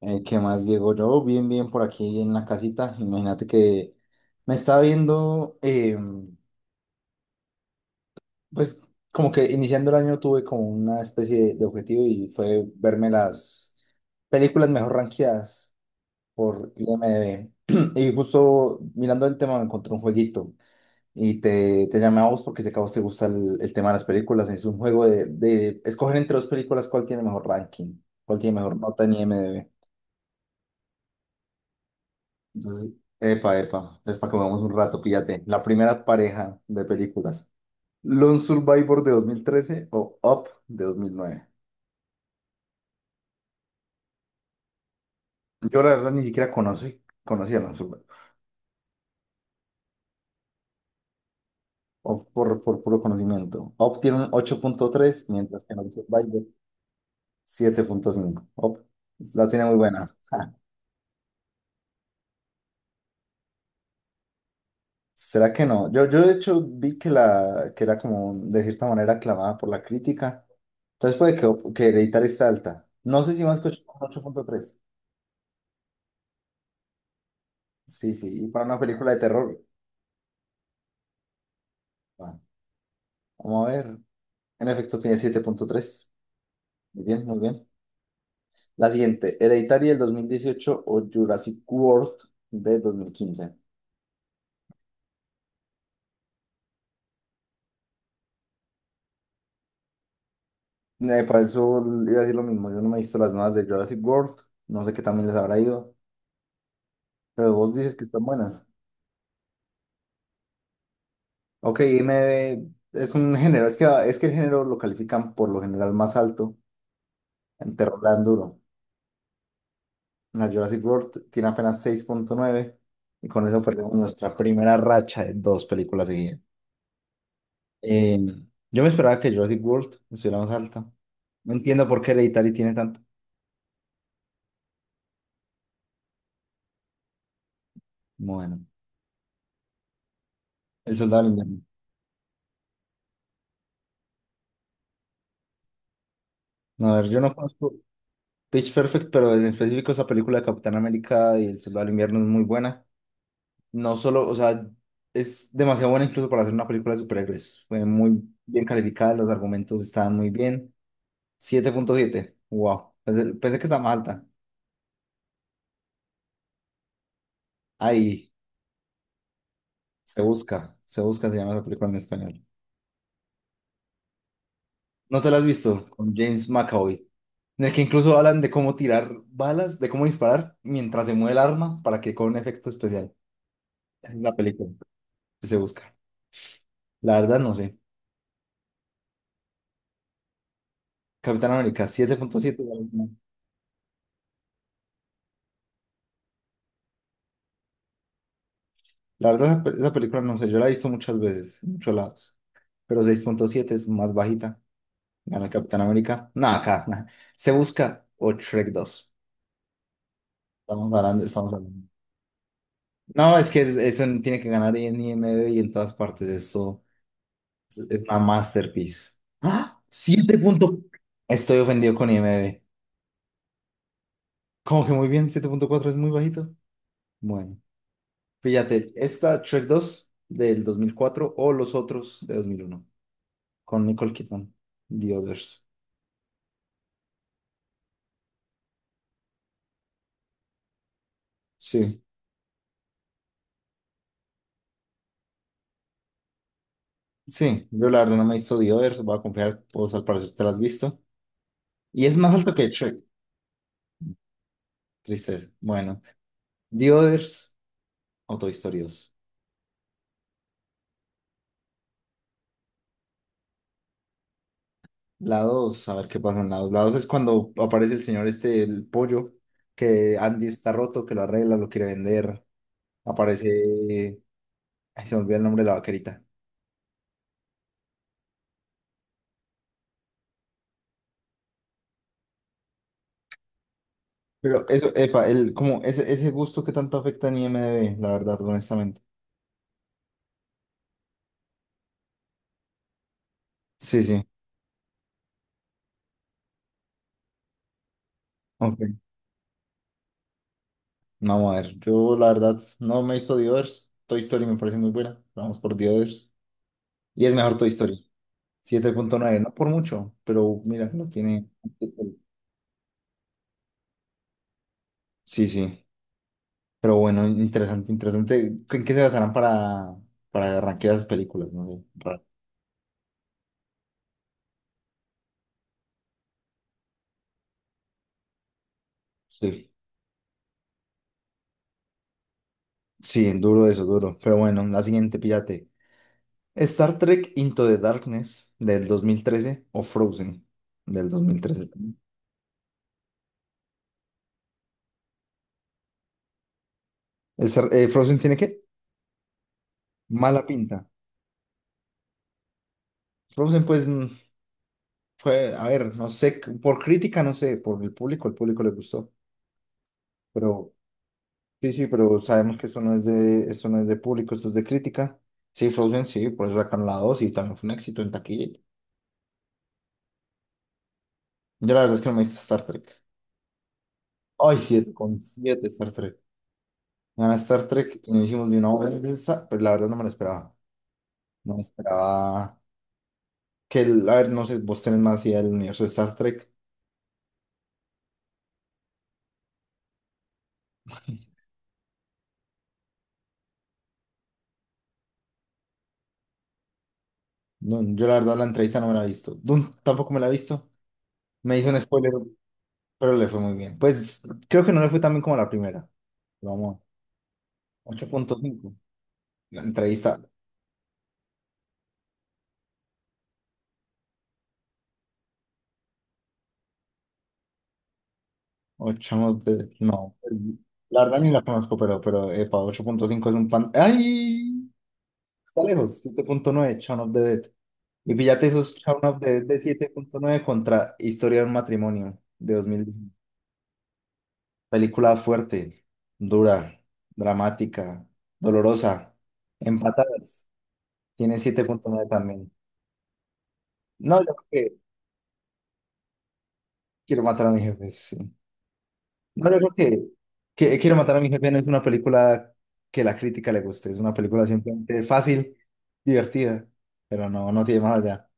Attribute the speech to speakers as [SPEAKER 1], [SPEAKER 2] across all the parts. [SPEAKER 1] ¿Qué más, Diego? Yo bien, bien por aquí en la casita. Imagínate que me estaba viendo, pues como que iniciando el año tuve como una especie de objetivo y fue verme las películas mejor rankeadas por IMDb. Y justo mirando el tema me encontré un jueguito y te llamé a vos porque sé que a vos te gusta el tema de las películas. Es un juego de escoger entre dos películas cuál tiene mejor ranking, cuál tiene mejor nota en IMDb. Entonces, epa, epa. Entonces, para que veamos un rato, píllate. La primera pareja de películas. Lone Survivor de 2013 o Up de 2009. Yo la verdad ni siquiera conocía a Lone Survivor. Up por puro conocimiento. Up tiene un 8.3 mientras que Lone Survivor 7.5. Up la tiene muy buena. Ja. ¿Será que no? Yo de hecho vi que era como de cierta manera aclamada por la crítica. Entonces puede que Hereditary está alta. No sé si más que ocho punto tres. Sí, sí, y para una película de terror. Bueno, vamos a ver. En efecto, tiene 7.3. Muy bien, muy bien. La siguiente, Hereditary del 2018 o Jurassic World de 2015. Para eso iba a decir lo mismo. Yo no me he visto las nuevas de Jurassic World. No sé qué también les habrá ido. Pero vos dices que están buenas. Ok, me es un género. Es que el género lo califican por lo general más alto. El terror le dan duro. La Jurassic World tiene apenas 6.9 y con eso perdemos nuestra primera racha de dos películas seguidas. Eh, yo me esperaba que Jurassic World estuviera más alta. No entiendo por qué Hereditary tiene tanto. Bueno, El Soldado del Invierno. No, a ver, yo no conozco Pitch Perfect, pero en específico esa película de Capitán América y El Soldado del Invierno es muy buena. No solo, o sea, es demasiado buena incluso para hacer una película de superhéroes. Fue muy bien calificada, los argumentos estaban muy bien. 7.7. Wow. Pensé que estaba más alta. Ahí, se busca, se busca, se llama esa película en español. ¿No te la has visto? Con James McAvoy. En el que incluso hablan de cómo tirar balas, de cómo disparar mientras se mueve el arma para que con un efecto especial. Esa es la película que se busca. La verdad no sé. Capitán América 7.7. La verdad, esa película no sé, yo la he visto muchas veces, en muchos lados. Pero 6.7 es más bajita. Gana el Capitán América. Nada, acá. Nah. Se busca o Shrek 2. Estamos hablando, estamos hablando. No, es que eso tiene que ganar en IMDb y en todas partes. Eso es una masterpiece. ¡Ah! Siete punto. Estoy ofendido con IMDb. Como que muy bien, 7.4 es muy bajito. Bueno, fíjate, esta Shrek dos del 2004 o los otros de 2001 con Nicole Kidman, The Others. Sí, sí, yo la verdad no me he visto The Others, voy a confiar, vos al parecer te la has visto. Y es más alto que Shrek, tristeza. Bueno, The Others o Toy Story 2. La 2, a ver qué pasa en la 2. La 2 es cuando aparece el señor este, el pollo, que Andy está roto, que lo arregla, lo quiere vender. Aparece. Ay, se me olvida el nombre de la vaquerita. Pero eso, epa, como ese gusto que tanto afecta en I M D B la verdad, honestamente. Sí, sí. Ok. Vamos a ver. Yo, la verdad, no me hizo The Others. Toy Story me parece muy buena. Vamos por The Others. Y es mejor Toy Story. 7.9. No por mucho, pero mira, no tiene. Sí, sí. Pero bueno, interesante, interesante. ¿En qué se basarán para rankear esas películas? No sé. Sí, sí, duro eso, duro. Pero bueno, la siguiente, píllate. Star Trek Into the Darkness del 2013 o Frozen del 2013 también. ¿Frozen tiene qué? Mala pinta. Frozen, pues, fue, a ver, no sé, por crítica, no sé, por el público, le gustó. Pero Sí, sí, pero sabemos que eso no es de público, eso es de crítica. Sí, Frozen, sí, por eso sacaron la 2 y también fue un éxito en taquilla. Yo la verdad es que no me hice Star Trek. Ay, 7.7. Star Trek. Nada, Star Trek y nos hicimos de una hora de esa, pero la verdad no me lo esperaba. No me esperaba que, a ver, no sé, vos tenés más idea del universo de Star Trek. No, yo la verdad la entrevista no me la he visto. Dune tampoco me la he visto. Me hizo un spoiler, pero le fue muy bien. Pues creo que no le fue tan bien como la primera. Vamos, 8.5. La entrevista. Ochamos de... No, la verdad ni la conozco, pero, epa, 8.5 es un pan... ¡Ay! Está lejos, 7.9, Shaun of the Dead. Y fíjate esos Shaun of the Dead de 7.9 contra Historia de un matrimonio de 2019. Película fuerte, dura, dramática, dolorosa, empatadas. Tiene 7.9 también. No, yo creo que quiero matar a mi jefe. Sí. No, yo creo que Quiero matar a mi jefe no es una película que la crítica le guste, es una película simplemente fácil, divertida, pero no, no tiene más allá.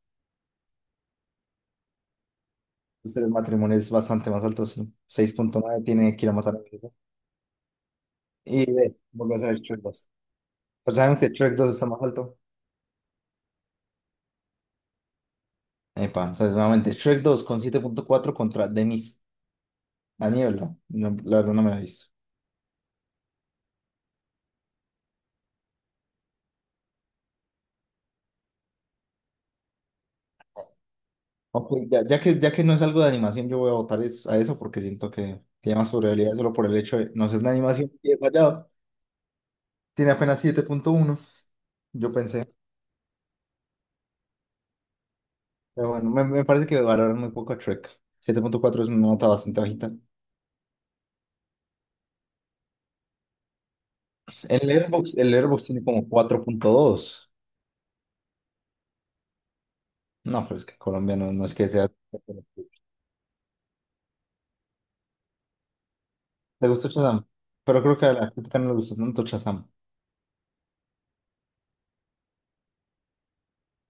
[SPEAKER 1] Entonces, el matrimonio es bastante más alto, sí. 6.9 tiene Quiero matar a mi jefe. Y ve, volvés a ver Shrek 2. Pero sabemos que Shrek 2 está más alto. Epa, entonces nuevamente Shrek dos con 7.4 contra Denis. La Niebla. No, la verdad no me la he visto. Ok, ya que no es algo de animación, yo voy a votar a eso porque siento que tiene más probabilidades solo por el hecho de no ser de animación y he fallado. Tiene apenas 7.1, yo pensé. Pero bueno, me parece que valoran muy poco a Trek. Siete punto cuatro es una nota bastante bajita. El Letterboxd tiene como 4.2. No, pero es que Colombia no, no es que sea... ¿Te gustó Shazam? Pero creo que a la crítica no le gustó tanto Shazam.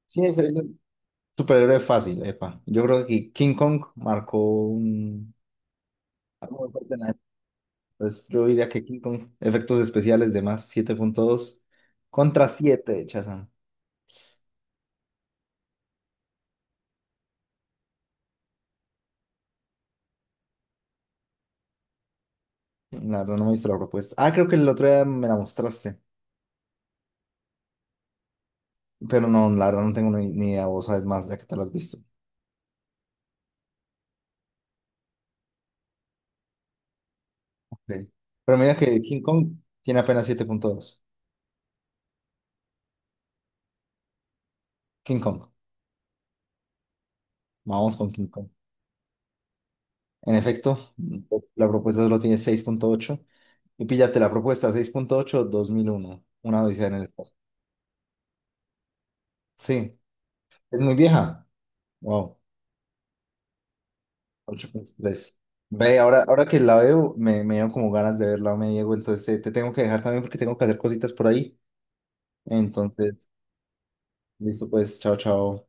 [SPEAKER 1] Sí, es un superhéroe fácil, epa. Yo creo que King Kong marcó un... algo muy fuerte en la época. Pues yo diría que King Kong, efectos especiales de más, 7.2, contra 7 de Shazam. La verdad no me he visto la propuesta. Ah, creo que el otro día me la mostraste. Pero no, la verdad no tengo ni idea. Vos sabes más, ya que te la has visto. Ok. Pero mira que King Kong tiene apenas 7.2. King Kong. Vamos con King Kong. En efecto, la propuesta solo tiene 6.8. Y píllate la propuesta 6.8. 2001, Una odisea en el espacio. Sí, es muy vieja. Wow, 8.3. Ve, ahora, que la veo, me dieron como ganas de verla, me, Diego. Entonces te tengo que dejar también porque tengo que hacer cositas por ahí. Entonces, listo, pues, chao, chao.